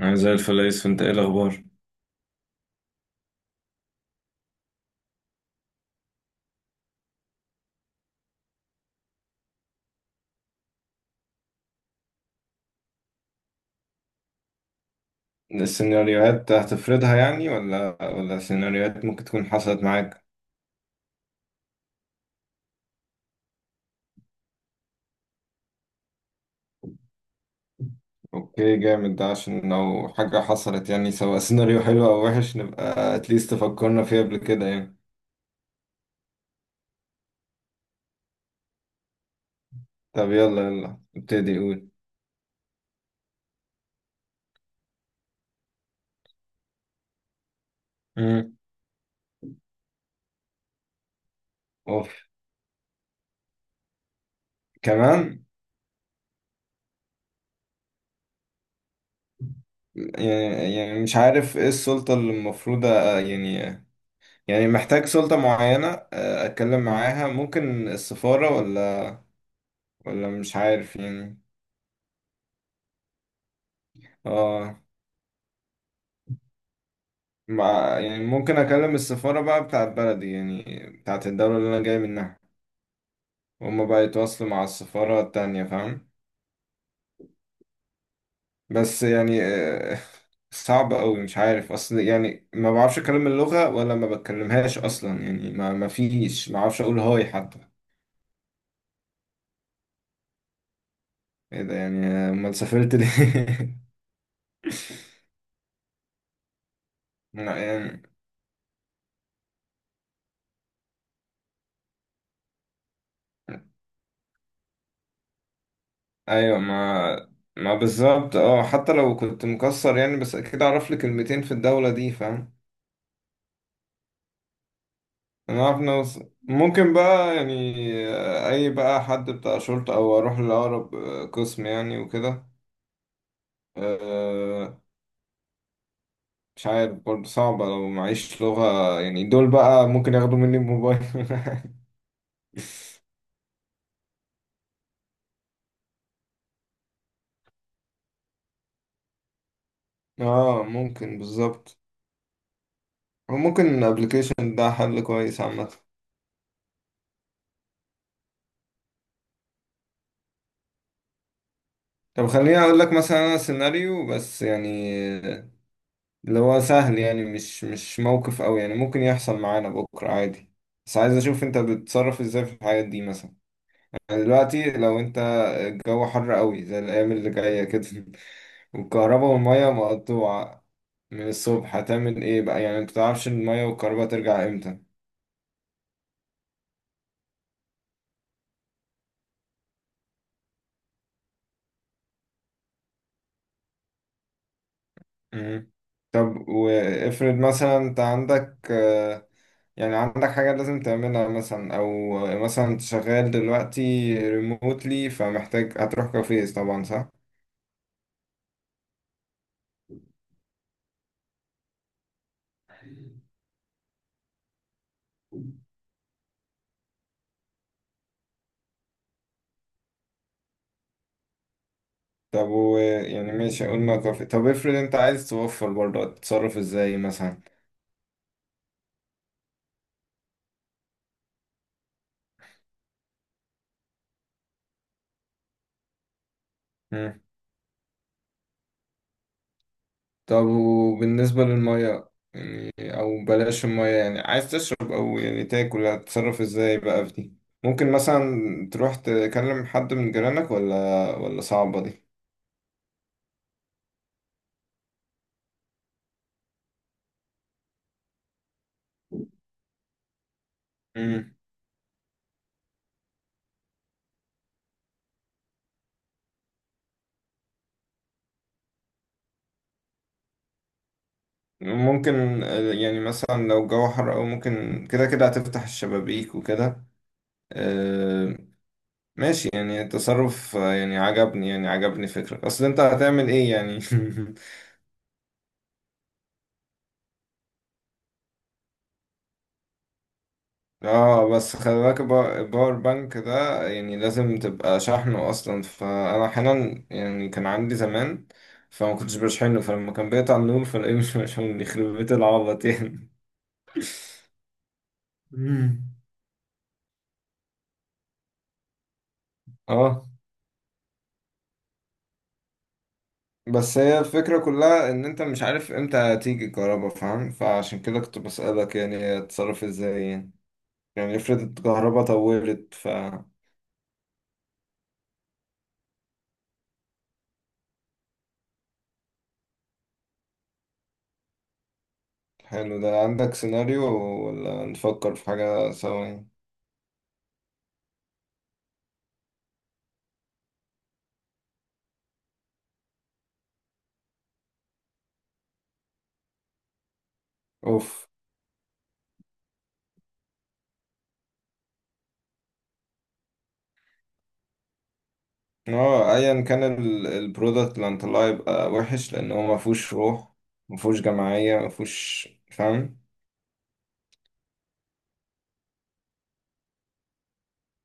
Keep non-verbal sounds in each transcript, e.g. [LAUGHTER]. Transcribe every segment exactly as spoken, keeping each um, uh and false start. أنا زي الفل يا يوسف، أنت إيه الأخبار؟ السيناريوهات هتفرضها يعني ولا ولا سيناريوهات ممكن تكون حصلت معاك. اوكي جامد، ده عشان لو حاجة حصلت يعني، سواء سيناريو حلو او وحش نبقى اتليست فكرنا فيها قبل كده يعني. طب يلا يلا ابتدي قول. مم. اوف. كمان. يعني يعني مش عارف ايه السلطة اللي المفروض أ- يعني يعني محتاج سلطة معينة، أ، اتكلم معاها، ممكن السفارة ولا ولا مش عارف يعني. اه، مع يعني ممكن اكلم السفارة بقى بتاعت بلدي يعني، بتاعت الدولة اللي انا جاي منها، وهم بقى يتواصلوا مع السفارة التانية فاهم؟ بس يعني آه، صعب قوي، مش عارف اصل يعني ما بعرفش اكلم اللغة ولا ما بتكلمهاش اصلا يعني ما ما فيش، ما اعرفش اقول هاي حتى. ايه ده يعني؟ آه، امال سافرت ليه؟ [LAUGHS] لا، يعني ايوه، ما ما بالظبط. اه، حتى لو كنت مكسر يعني بس اكيد اعرف لي كلمتين في الدولة دي فاهم؟ نعرف نوصل ممكن بقى يعني. آه، أي بقى حد بتاع شرطة، أو أروح لأقرب آه، قسم يعني وكده. آه، مش عارف برضه، صعبة لو معيش لغة يعني، دول بقى ممكن ياخدوا مني الموبايل. [LAUGHS] اه، ممكن بالظبط. وممكن الابلكيشن ده حل كويس عامة. طب خليني اقول لك مثلا انا سيناريو بس يعني، آه، اللي هو سهل يعني، مش مش موقف قوي يعني، ممكن يحصل معانا بكرة عادي. بس عايز اشوف انت بتتصرف ازاي في الحاجات دي مثلا. يعني دلوقتي لو انت الجو حر قوي زي الايام اللي جايه كده [LAUGHS] والكهرباء والميه مقطوعه من الصبح، هتعمل ايه بقى؟ يعني انت متعرفش الميه والكهرباء ترجع امتى. مم. طب وافرض مثلا انت عندك آه، يعني عندك حاجه لازم تعملها مثلا، او مثلا انت شغال دلوقتي ريموتلي، فمحتاج هتروح كافيه طبعا، صح؟ طب و يعني ماشي قلنا كافيه، طب افرض انت عايز توفر برضه، هتتصرف ازاي مثلا؟ طب وبالنسبة للمية يعني، أو بلاش المية يعني، عايز تشرب أو يعني تاكل، هتتصرف ازاي بقى في دي؟ ممكن مثلا تروح تكلم حد من جيرانك، ولا ولا صعبة دي. مم. ممكن آه، يعني مثلا لو الجو حر، أو ممكن كده كده هتفتح الشبابيك وكده. آه، ماشي، يعني التصرف آه، يعني عجبني، يعني عجبني فكرة أصل أنت هتعمل إيه يعني. [LAUGHS] اه، بس خلي بالك، البا- الباور بانك ده يعني لازم تبقى شحنه اصلا، فانا احيانا يعني كان عندي زمان فما كنتش بشحنه، فلما كان بيقطع النور فلاقيه مش مشحون، يخرب بيت العبط يعني. مم. اه، بس هي الفكرة كلها ان انت مش عارف امتى هتيجي الكهرباء فاهم؟ فعشان كده كنت بسألك، يعني هتتصرف ازاي يعني. يعني افرض الكهرباء طولت ف حلو، ده عندك سيناريو ولا نفكر في حاجة سوا يعني؟ اوف. اه، ايا كان ال- البرودكت اللي هنطلعه يبقى وحش، لان هو ما فيهوش روح، ما فيهوش جماعيه، ما فيهوش فاهم.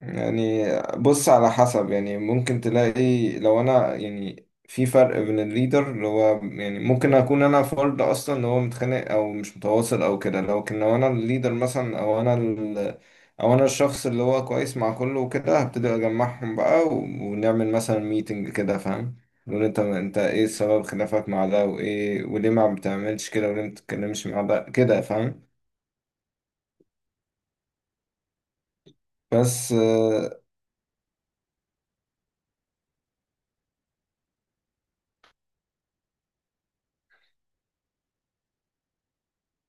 يعني بص على حسب يعني، ممكن تلاقي لو انا يعني في فرق بين الليدر اللي هو يعني ممكن اكون انا فرد اصلا اللي هو متخانق او مش متواصل او كده، لكن لو انا الليدر مثلا او انا ال... او انا الشخص اللي هو كويس مع كله وكده، هبتدي اجمعهم بقى و... ونعمل مثلا ميتنج كده فاهم؟ نقول انت انت ايه سبب خلافك مع ده، وايه وليه ما بتعملش كده، وليه ما بتتكلمش مع ده كده فاهم؟ بس اه.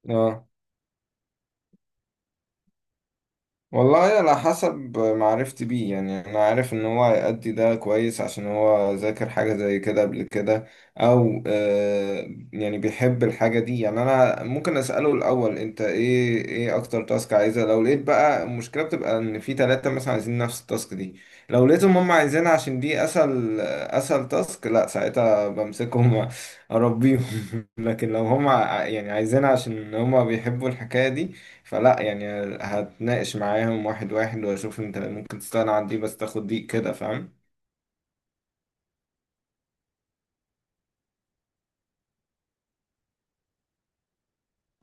آه. والله على حسب معرفتي بيه يعني، انا عارف ان هو هيأدي ده كويس عشان هو ذاكر حاجة زي كده قبل كده، او آه يعني بيحب الحاجة دي يعني. انا ممكن اسأله الاول: انت ايه ايه اكتر تاسك عايزها؟ لو لقيت بقى المشكلة بتبقى ان في ثلاثة مثلا عايزين نفس التاسك دي، لو لقيتهم هم عايزينها عشان دي اسهل، اسهل تاسك، لا ساعتها بمسكهم اربيهم. [LAUGHS] لكن لو هم ع- يعني عايزينها عشان هم بيحبوا الحكاية دي، فلا يعني، هتناقش معاهم واحد واحد، واشوف انت ممكن تستغنى عن دي بس تاخد دي كده فاهم؟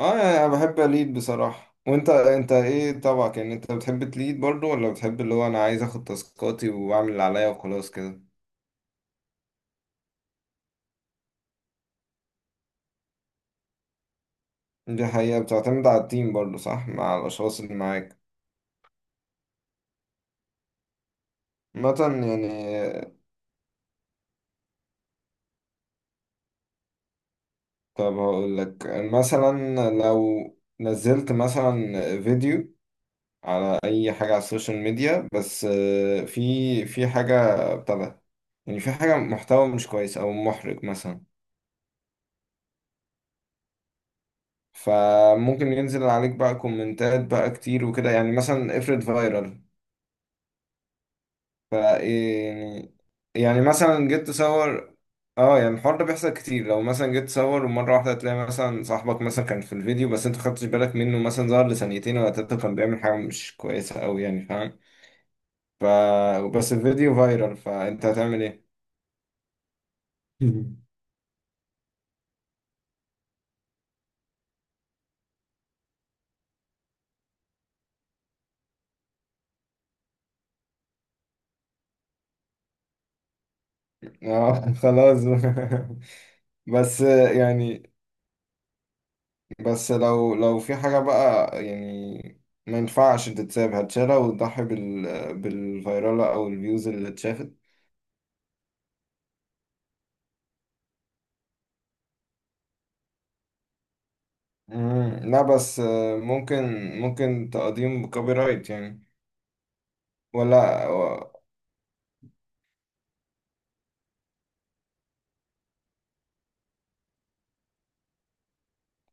اه، يعني انا بحب اليد بصراحة. وانت، انت ايه طبعك؟ يعني انت بتحب تليد برضو، ولا بتحب اللي هو انا عايز اخد تاسكاتي واعمل اللي عليا وخلاص كده؟ دي حقيقة بتعتمد على التيم برضو، صح؟ مع الاشخاص اللي معاك. مثلا يعني، طب هقول لك مثلا، لو نزلت مثلا فيديو على اي حاجه على السوشيال ميديا، بس آه، في في حاجه ابتدى، يعني في حاجه محتوى مش كويس او محرج مثلا، فممكن ينزل عليك بقى كومنتات بقى كتير وكده، يعني مثلا افرض فايرال. ف يعني، يعني مثلا جيت تصور. اه، يعني الحوار ده بيحصل كتير، لو مثلا جيت تصور ومره واحده تلاقي مثلا صاحبك مثلا كان في الفيديو، بس انت خدتش بالك منه، مثلا ظهر لثانيتين ولا تلاته كان بيعمل حاجه مش كويسه قوي يعني فاهم؟ ف بس الفيديو فايرال، فانت هتعمل ايه؟ [LAUGHS] اه [LAUGHS] خلاص بقى. بس يعني، بس لو لو في حاجة بقى يعني ما ينفعش تتساب، هتشالها وتضحي بال بالفيرالة أو الفيوز اللي اتشافت. مم. لا بس ممكن ممكن تقديم كوبي رايت يعني. ولا.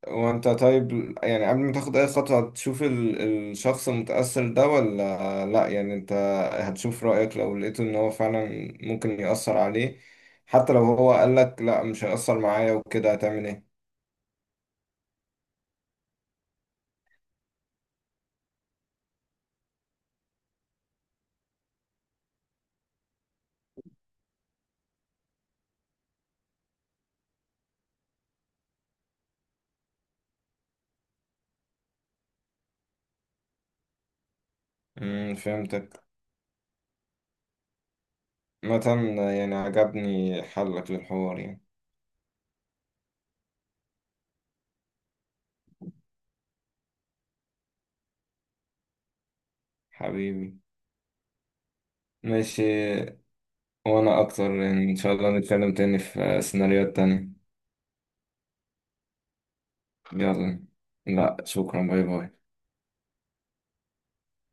وانت طيب يعني، قبل ما تاخد اي خطوة هتشوف ال- الشخص المتأثر ده ولا لا؟ يعني انت هتشوف رأيك، لو لقيته ان هو فعلا ممكن يأثر عليه، حتى لو هو قالك لا مش هيأثر معايا وكده، هتعمل ايه؟ امم فهمتك. مثلا يعني عجبني حلك للحوار يعني. حبيبي. ماشي. وانا اكتر يعني، ان شاء الله نتكلم تاني في سيناريوهات تانية. يلا. لا شكرا، باي باي.